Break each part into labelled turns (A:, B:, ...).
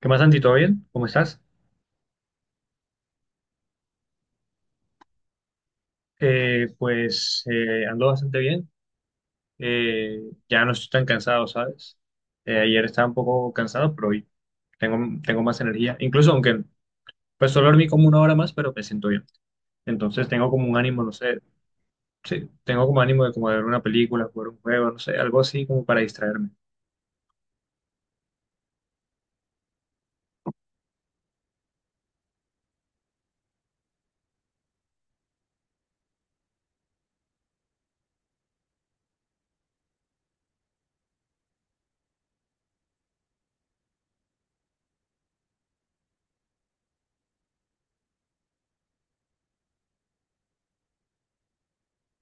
A: ¿Qué más, Santi? ¿Todo bien? ¿Cómo estás? Pues ando bastante bien. Eh, ya no estoy tan cansado, ¿sabes? Ayer estaba un poco cansado, pero hoy tengo más energía. Incluso aunque pues solo dormí como una hora más, pero me siento bien. Entonces tengo como un ánimo, no sé, sí, tengo como ánimo de como de ver una película, jugar un juego, no sé, algo así como para distraerme.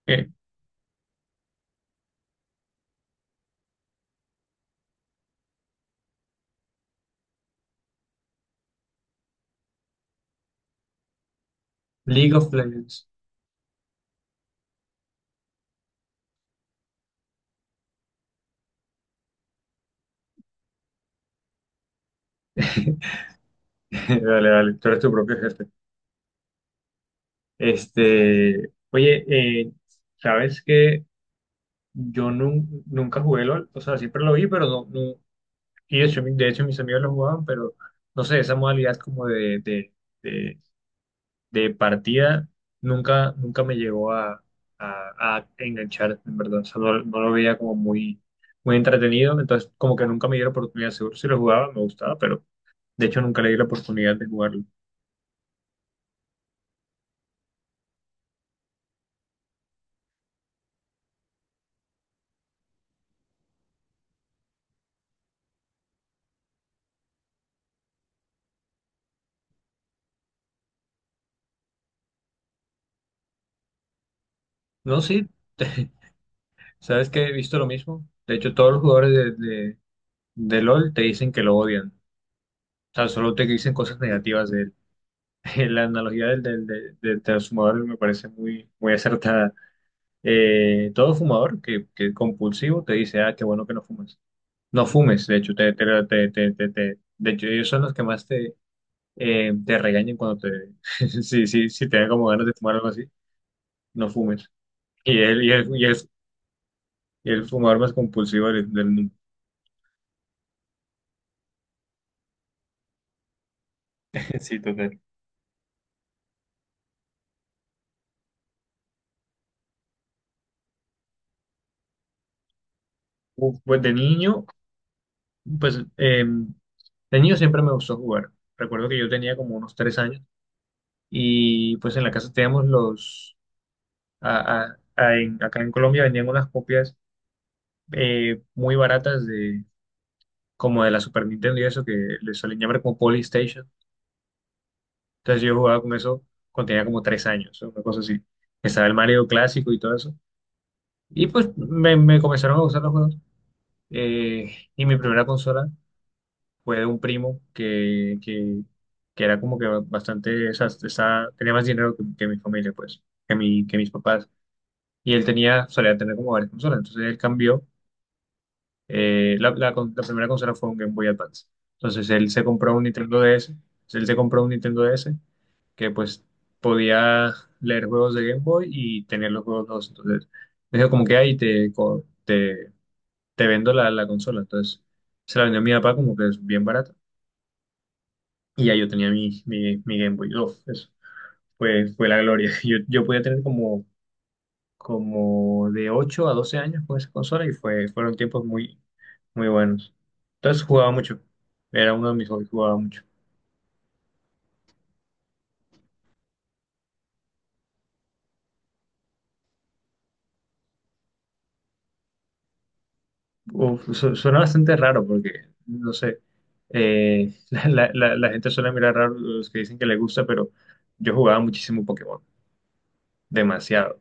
A: Eh, League of Legends. Dale, dale, tú eres tu propio jefe. Este, oye, eh, ¿sabes qué? Yo nunca jugué LOL, o sea, siempre lo vi, pero y de hecho, de hecho mis amigos lo jugaban, pero no sé, esa modalidad como de, de, de, de partida nunca me llegó a enganchar, en verdad, o sea, no lo veía como muy entretenido, entonces como que nunca me dio la oportunidad, seguro si lo jugaba me gustaba, pero de hecho nunca le di la oportunidad de jugarlo. No, sí, sabes que he visto lo mismo, de hecho todos los jugadores de, de, de LOL te dicen que lo odian, o sea, solo te dicen cosas negativas de él. La analogía del transfumador me parece muy, muy acertada. Todo fumador que es compulsivo te dice, ah, qué bueno que no fumes. No fumes, de hecho, de hecho, ellos son los que más te, te regañan cuando te, si te dan como ganas de fumar algo así, no fumes. Y él, y él, y él- y el fumador más compulsivo del mundo. Sí, total. Uf, pues de niño, pues em, de niño siempre me gustó jugar. Recuerdo que yo tenía como unos 3 años. Y pues en la casa teníamos los, a- en- acá en Colombia vendían unas copias muy baratas de, como de la Super Nintendo y eso, que le suelen llamar como Polystation. Entonces yo jugaba con eso cuando tenía como 3 años, una cosa así. Estaba el Mario clásico y todo eso. Y pues me comenzaron a gustar los juegos. Y mi primera consola fue de un primo que era como que bastante, o sea, tenía más dinero que mi familia, pues, que mis papás. Y él solía tener como varias consolas. Entonces él cambió. La primera consola fue un Game Boy Advance. Entonces él se compró un Nintendo DS. Entonces, él se compró un Nintendo DS que pues podía leer juegos de Game Boy y tener los juegos dos. Entonces me dijo como que ahí te, te vendo la consola. Entonces se la vendió a mi papá como que es bien barata. Y ya yo tenía mi Game Boy. Uf, eso fue la gloria. Yo podía tener como de 8 a 12 años con esa consola y fueron tiempos muy, muy buenos. Entonces jugaba mucho, era uno de mis hobbies, jugaba mucho. Uf, suena bastante raro porque, no sé, la gente suele mirar raro los que dicen que les gusta, pero yo jugaba muchísimo Pokémon, demasiado,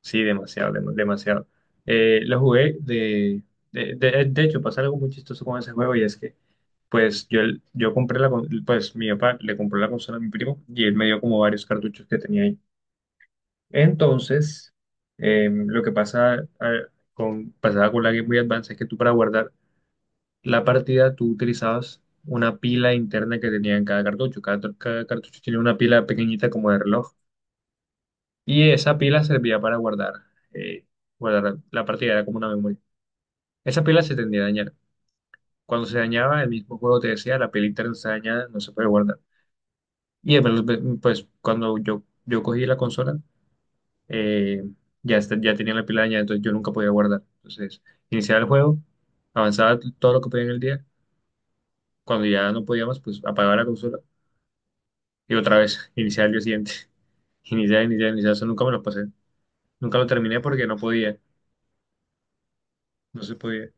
A: sí, demasiado, demasiado. Lo jugué de hecho, pasa algo muy chistoso con ese juego y es que pues yo compré pues mi papá le compró la consola a mi primo y él me dio como varios cartuchos que tenía ahí. Entonces, lo que a- pasaba con la Game Boy Advance es que tú para guardar la partida tú utilizabas una pila interna que tenía en cada cartucho. Cada cartucho tenía una pila pequeñita como de reloj y esa pila servía para guardar, eh, guardar la partida, era como una memoria. Esa pila se tendía a dañar. Cuando se dañaba, el mismo juego te decía, la pila interna está dañada, no se puede guardar. Y eh, pues Cuando yo cogí la consola, eh, ya tenía la pila dañada, entonces yo nunca podía guardar. Entonces, iniciaba el juego, avanzaba todo lo que podía en el día. Cuando ya no podía más, pues apagaba la consola y otra vez, iniciar el día siguiente. Iniciar, iniciar, iniciar. Eso nunca me lo pasé. Nunca lo terminé porque no podía, no se podía.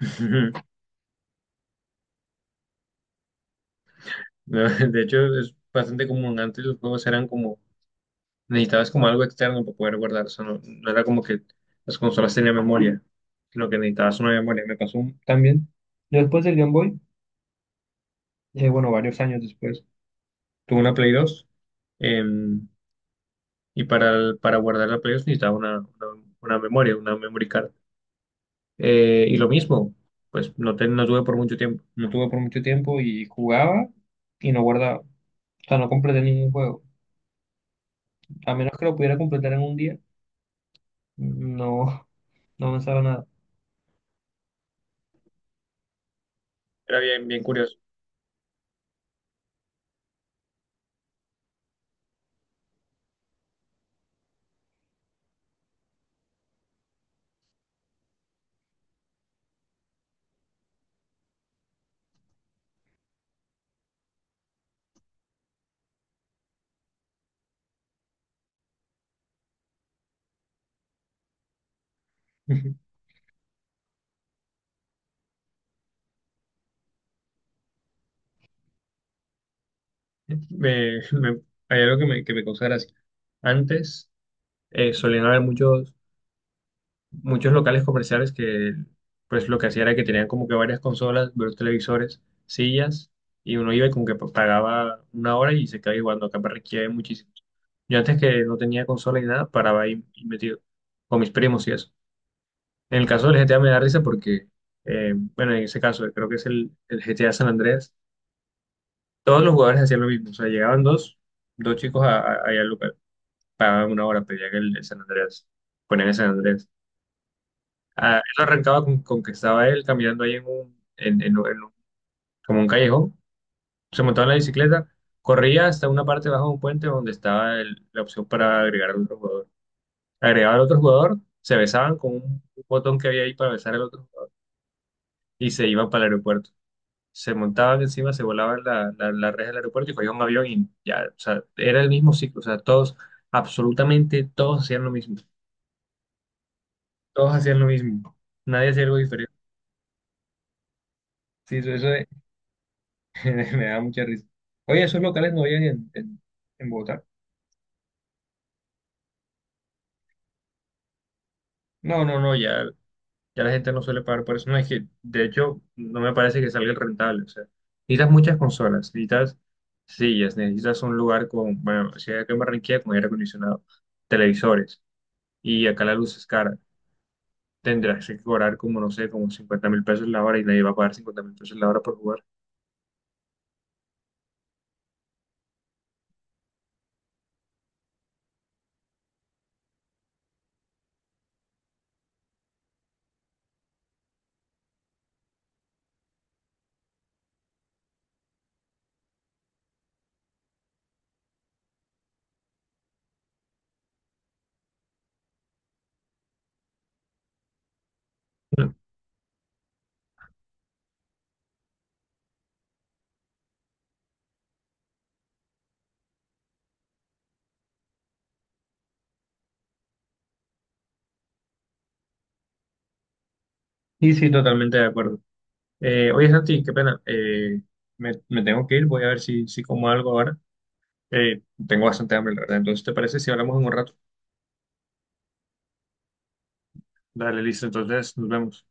A: No, de hecho, es bastante común. Antes los juegos eran como, necesitabas como algo externo para poder guardar. O sea, no era como que las consolas tenían memoria, sino que necesitabas una memoria. Me pasó también. Yo después del Game Boy, bueno, varios años después, tuve una Play 2. eh, y para guardar la Play 2 necesitaba una memoria, una memory card. Y lo mismo, pues no tuve por mucho tiempo. No tuve por mucho tiempo y jugaba y no guardaba. O sea, no completé ningún juego. A menos que lo pudiera completar en un día, no, no avanzaba nada. Era bien, bien curioso. Ujú. Me, me- Hay algo que me causa gracia. Antes solían haber muchos, muchos locales comerciales que pues lo que hacían era que tenían como que varias consolas, varios televisores, sillas, y uno iba y como que pagaba una hora y se quedaba jugando. Acá me requiere muchísimo. Yo antes que no tenía consola ni nada, paraba ahí y metido con mis primos y eso. En el caso del GTA me da risa porque, bueno, en ese caso creo que es el GTA San Andreas. Todos los jugadores hacían lo mismo, o sea, llegaban dos chicos allá al lugar, pagaban una hora, pedían el San Andrés, ponían el San Andrés. Ah, él arrancaba con que estaba él caminando ahí en un, como un callejón, se montaba en la bicicleta, corría hasta una parte bajo de un puente donde estaba la opción para agregar al otro jugador. Agregaba al otro jugador, se besaban con un botón que había ahí para besar al otro jugador y se iban para el aeropuerto. Se montaban encima, se volaban la reja del aeropuerto y cogían un avión y ya, o sea, era el mismo ciclo, o sea, todos, absolutamente todos hacían lo mismo, todos hacían lo mismo, nadie hacía algo diferente. Sí, eso, eso. Me da mucha risa. Oye, esos locales no habían en Bogotá. No, no, no, ya la gente no suele pagar por eso. No, es que, de hecho, no me parece que salga rentable. O sea, necesitas muchas consolas, necesitas sillas, necesitas un lugar con, bueno, si hay que en Barranquilla, con aire acondicionado, televisores, y acá la luz es cara. Tendrás que cobrar como, no sé, como 50.000 pesos la hora y nadie va a pagar 50.000 pesos la hora por jugar. No. Y sí, totalmente de acuerdo. Oye, Santi, qué pena. Me tengo que ir, voy a ver si como algo ahora. Tengo bastante hambre, la verdad. Entonces, ¿te parece si hablamos en un rato? Dale, listo. Entonces, nos vemos.